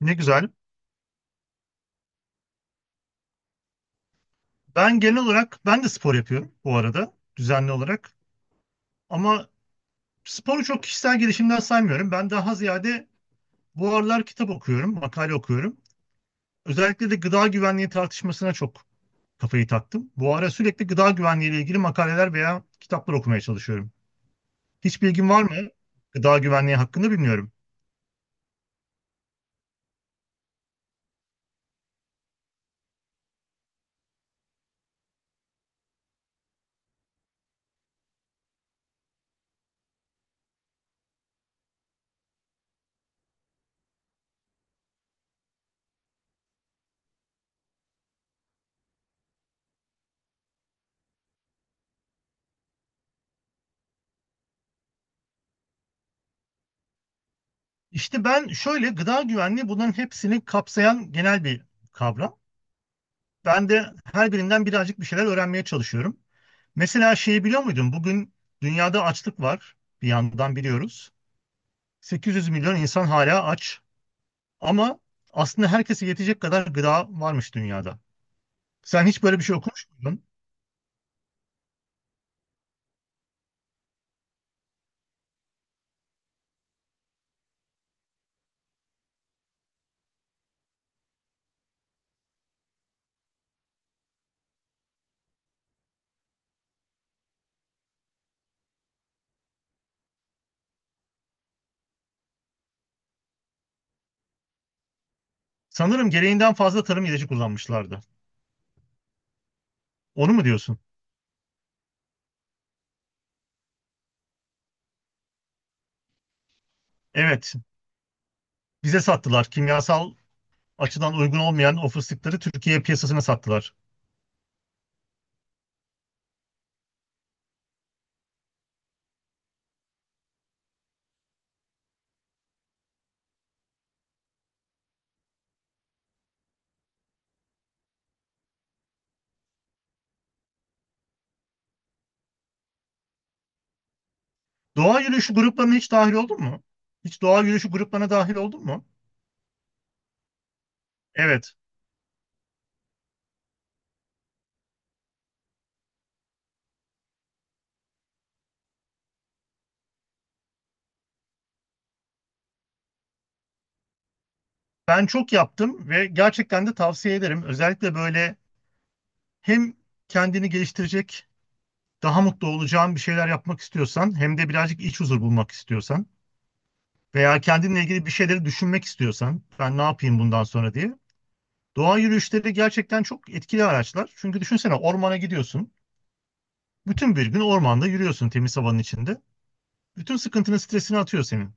Ne güzel. Ben genel olarak ben de spor yapıyorum bu arada düzenli olarak. Ama sporu çok kişisel gelişimden saymıyorum. Ben daha ziyade bu aralar kitap okuyorum, makale okuyorum. Özellikle de gıda güvenliği tartışmasına çok kafayı taktım. Bu ara sürekli gıda güvenliği ile ilgili makaleler veya kitaplar okumaya çalışıyorum. Hiç bilgin var mı? Gıda güvenliği hakkında bilmiyorum. İşte ben şöyle gıda güvenliği bunların hepsini kapsayan genel bir kavram. Ben de her birinden birazcık bir şeyler öğrenmeye çalışıyorum. Mesela şeyi biliyor muydun? Bugün dünyada açlık var. Bir yandan biliyoruz. 800 milyon insan hala aç. Ama aslında herkese yetecek kadar gıda varmış dünyada. Sen hiç böyle bir şey okumuş muydun? Sanırım gereğinden fazla tarım ilacı kullanmışlardı. Onu mu diyorsun? Evet. Bize sattılar. Kimyasal açıdan uygun olmayan o fıstıkları Türkiye piyasasına sattılar. Doğa yürüyüşü gruplarına hiç dahil oldun mu? Hiç doğa yürüyüşü gruplarına dahil oldun mu? Evet. Ben çok yaptım ve gerçekten de tavsiye ederim. Özellikle böyle hem kendini geliştirecek, daha mutlu olacağın bir şeyler yapmak istiyorsan, hem de birazcık iç huzur bulmak istiyorsan veya kendinle ilgili bir şeyleri düşünmek istiyorsan, ben ne yapayım bundan sonra diye. Doğa yürüyüşleri gerçekten çok etkili araçlar. Çünkü düşünsene ormana gidiyorsun. Bütün bir gün ormanda yürüyorsun temiz havanın içinde. Bütün sıkıntını, stresini atıyor senin.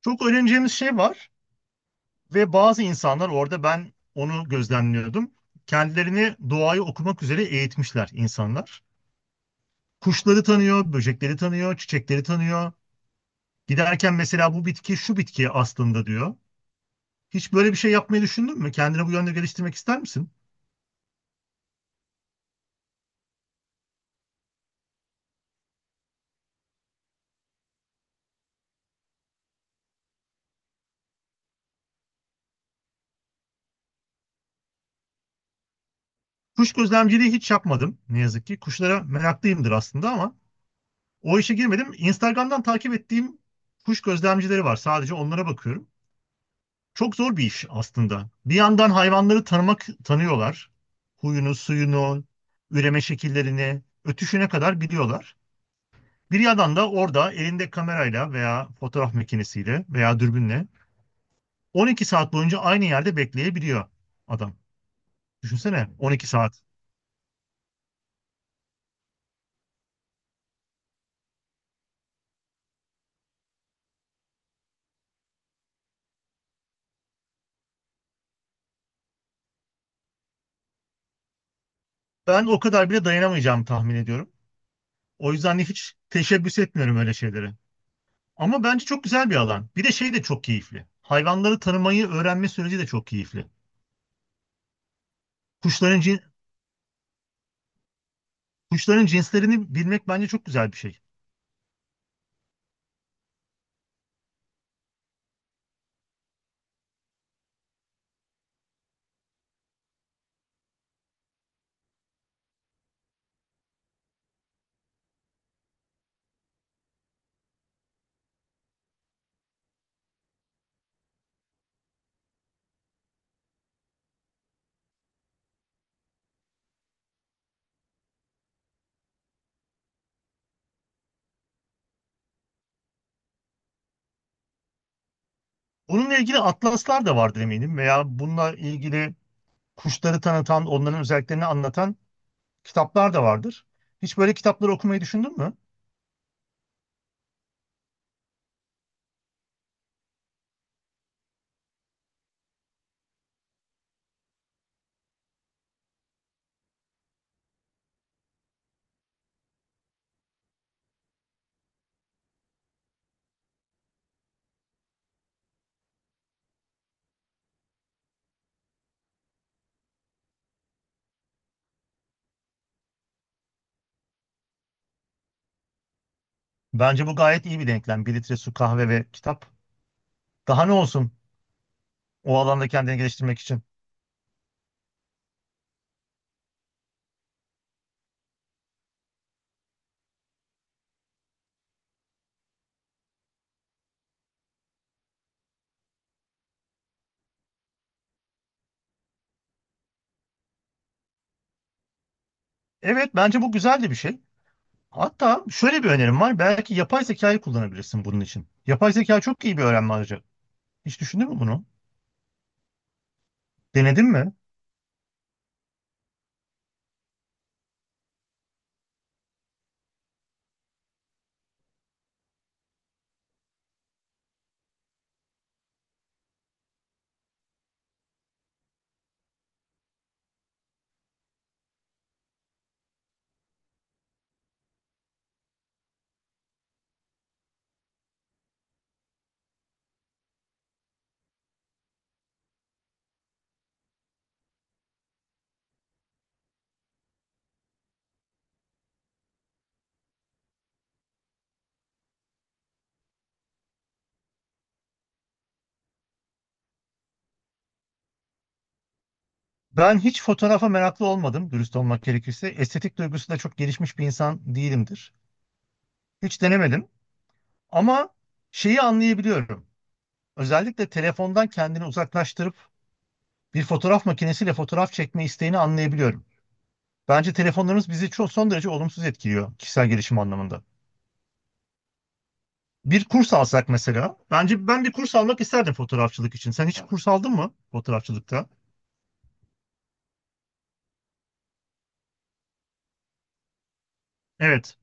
Çok öğreneceğimiz şey var. Ve bazı insanlar orada ben onu gözlemliyordum. Kendilerini doğayı okumak üzere eğitmişler insanlar. Kuşları tanıyor, böcekleri tanıyor, çiçekleri tanıyor. Giderken mesela bu bitki şu bitki aslında diyor. Hiç böyle bir şey yapmayı düşündün mü? Kendini bu yönde geliştirmek ister misin? Kuş gözlemciliği hiç yapmadım ne yazık ki. Kuşlara meraklıyımdır aslında ama o işe girmedim. Instagram'dan takip ettiğim kuş gözlemcileri var. Sadece onlara bakıyorum. Çok zor bir iş aslında. Bir yandan hayvanları tanımak tanıyorlar. Huyunu, suyunu, üreme şekillerini, ötüşüne kadar biliyorlar. Bir yandan da orada elinde kamerayla veya fotoğraf makinesiyle veya dürbünle 12 saat boyunca aynı yerde bekleyebiliyor adam. Düşünsene 12 saat. Ben o kadar bile dayanamayacağımı tahmin ediyorum. O yüzden de hiç teşebbüs etmiyorum öyle şeylere. Ama bence çok güzel bir alan. Bir de şey de çok keyifli. Hayvanları tanımayı öğrenme süreci de çok keyifli. Kuşların Kuşların cinslerini bilmek bence çok güzel bir şey. Onunla ilgili atlaslar da vardır eminim veya bununla ilgili kuşları tanıtan, onların özelliklerini anlatan kitaplar da vardır. Hiç böyle kitapları okumayı düşündün mü? Bence bu gayet iyi bir denklem. Bir litre su, kahve ve kitap. Daha ne olsun o alanda kendini geliştirmek için. Evet, bence bu güzel de bir şey. Hatta şöyle bir önerim var. Belki yapay zekayı kullanabilirsin bunun için. Yapay zeka çok iyi bir öğrenme aracı. Hiç düşündün mü bunu? Denedin mi? Ben hiç fotoğrafa meraklı olmadım dürüst olmak gerekirse. Estetik duygusu da çok gelişmiş bir insan değilimdir. Hiç denemedim ama şeyi anlayabiliyorum. Özellikle telefondan kendini uzaklaştırıp bir fotoğraf makinesiyle fotoğraf çekme isteğini anlayabiliyorum. Bence telefonlarımız bizi çok son derece olumsuz etkiliyor kişisel gelişim anlamında. Bir kurs alsak mesela. Bence ben bir kurs almak isterdim fotoğrafçılık için. Sen hiç kurs aldın mı fotoğrafçılıkta? Evet.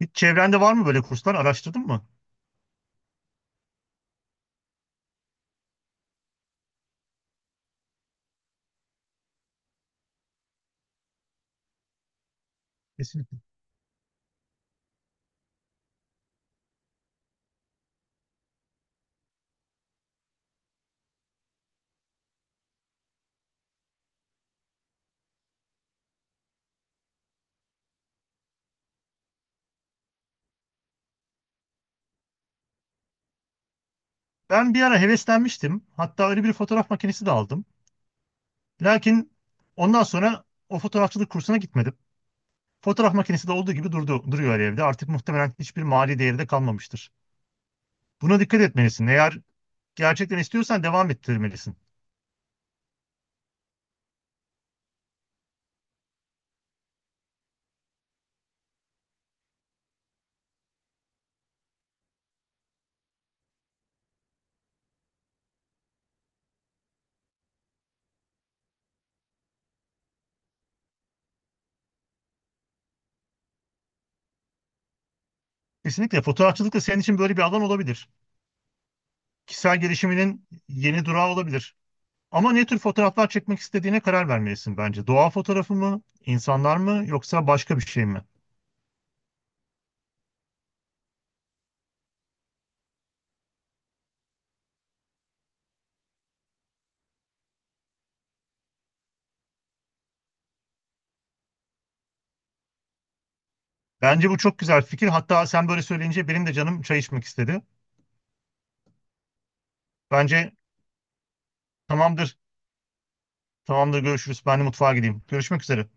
Hiç çevrende var mı böyle kurslar? Araştırdın mı? Kesinlikle. Ben bir ara heveslenmiştim. Hatta öyle bir fotoğraf makinesi de aldım. Lakin ondan sonra o fotoğrafçılık kursuna gitmedim. Fotoğraf makinesi de olduğu gibi durdu, duruyor evde. Artık muhtemelen hiçbir mali değeri de kalmamıştır. Buna dikkat etmelisin. Eğer gerçekten istiyorsan devam ettirmelisin. Kesinlikle fotoğrafçılık da senin için böyle bir alan olabilir. Kişisel gelişiminin yeni durağı olabilir. Ama ne tür fotoğraflar çekmek istediğine karar vermelisin bence. Doğa fotoğrafı mı, insanlar mı yoksa başka bir şey mi? Bence bu çok güzel fikir. Hatta sen böyle söyleyince benim de canım çay içmek istedi. Bence tamamdır. Tamamdır görüşürüz. Ben de mutfağa gideyim. Görüşmek üzere.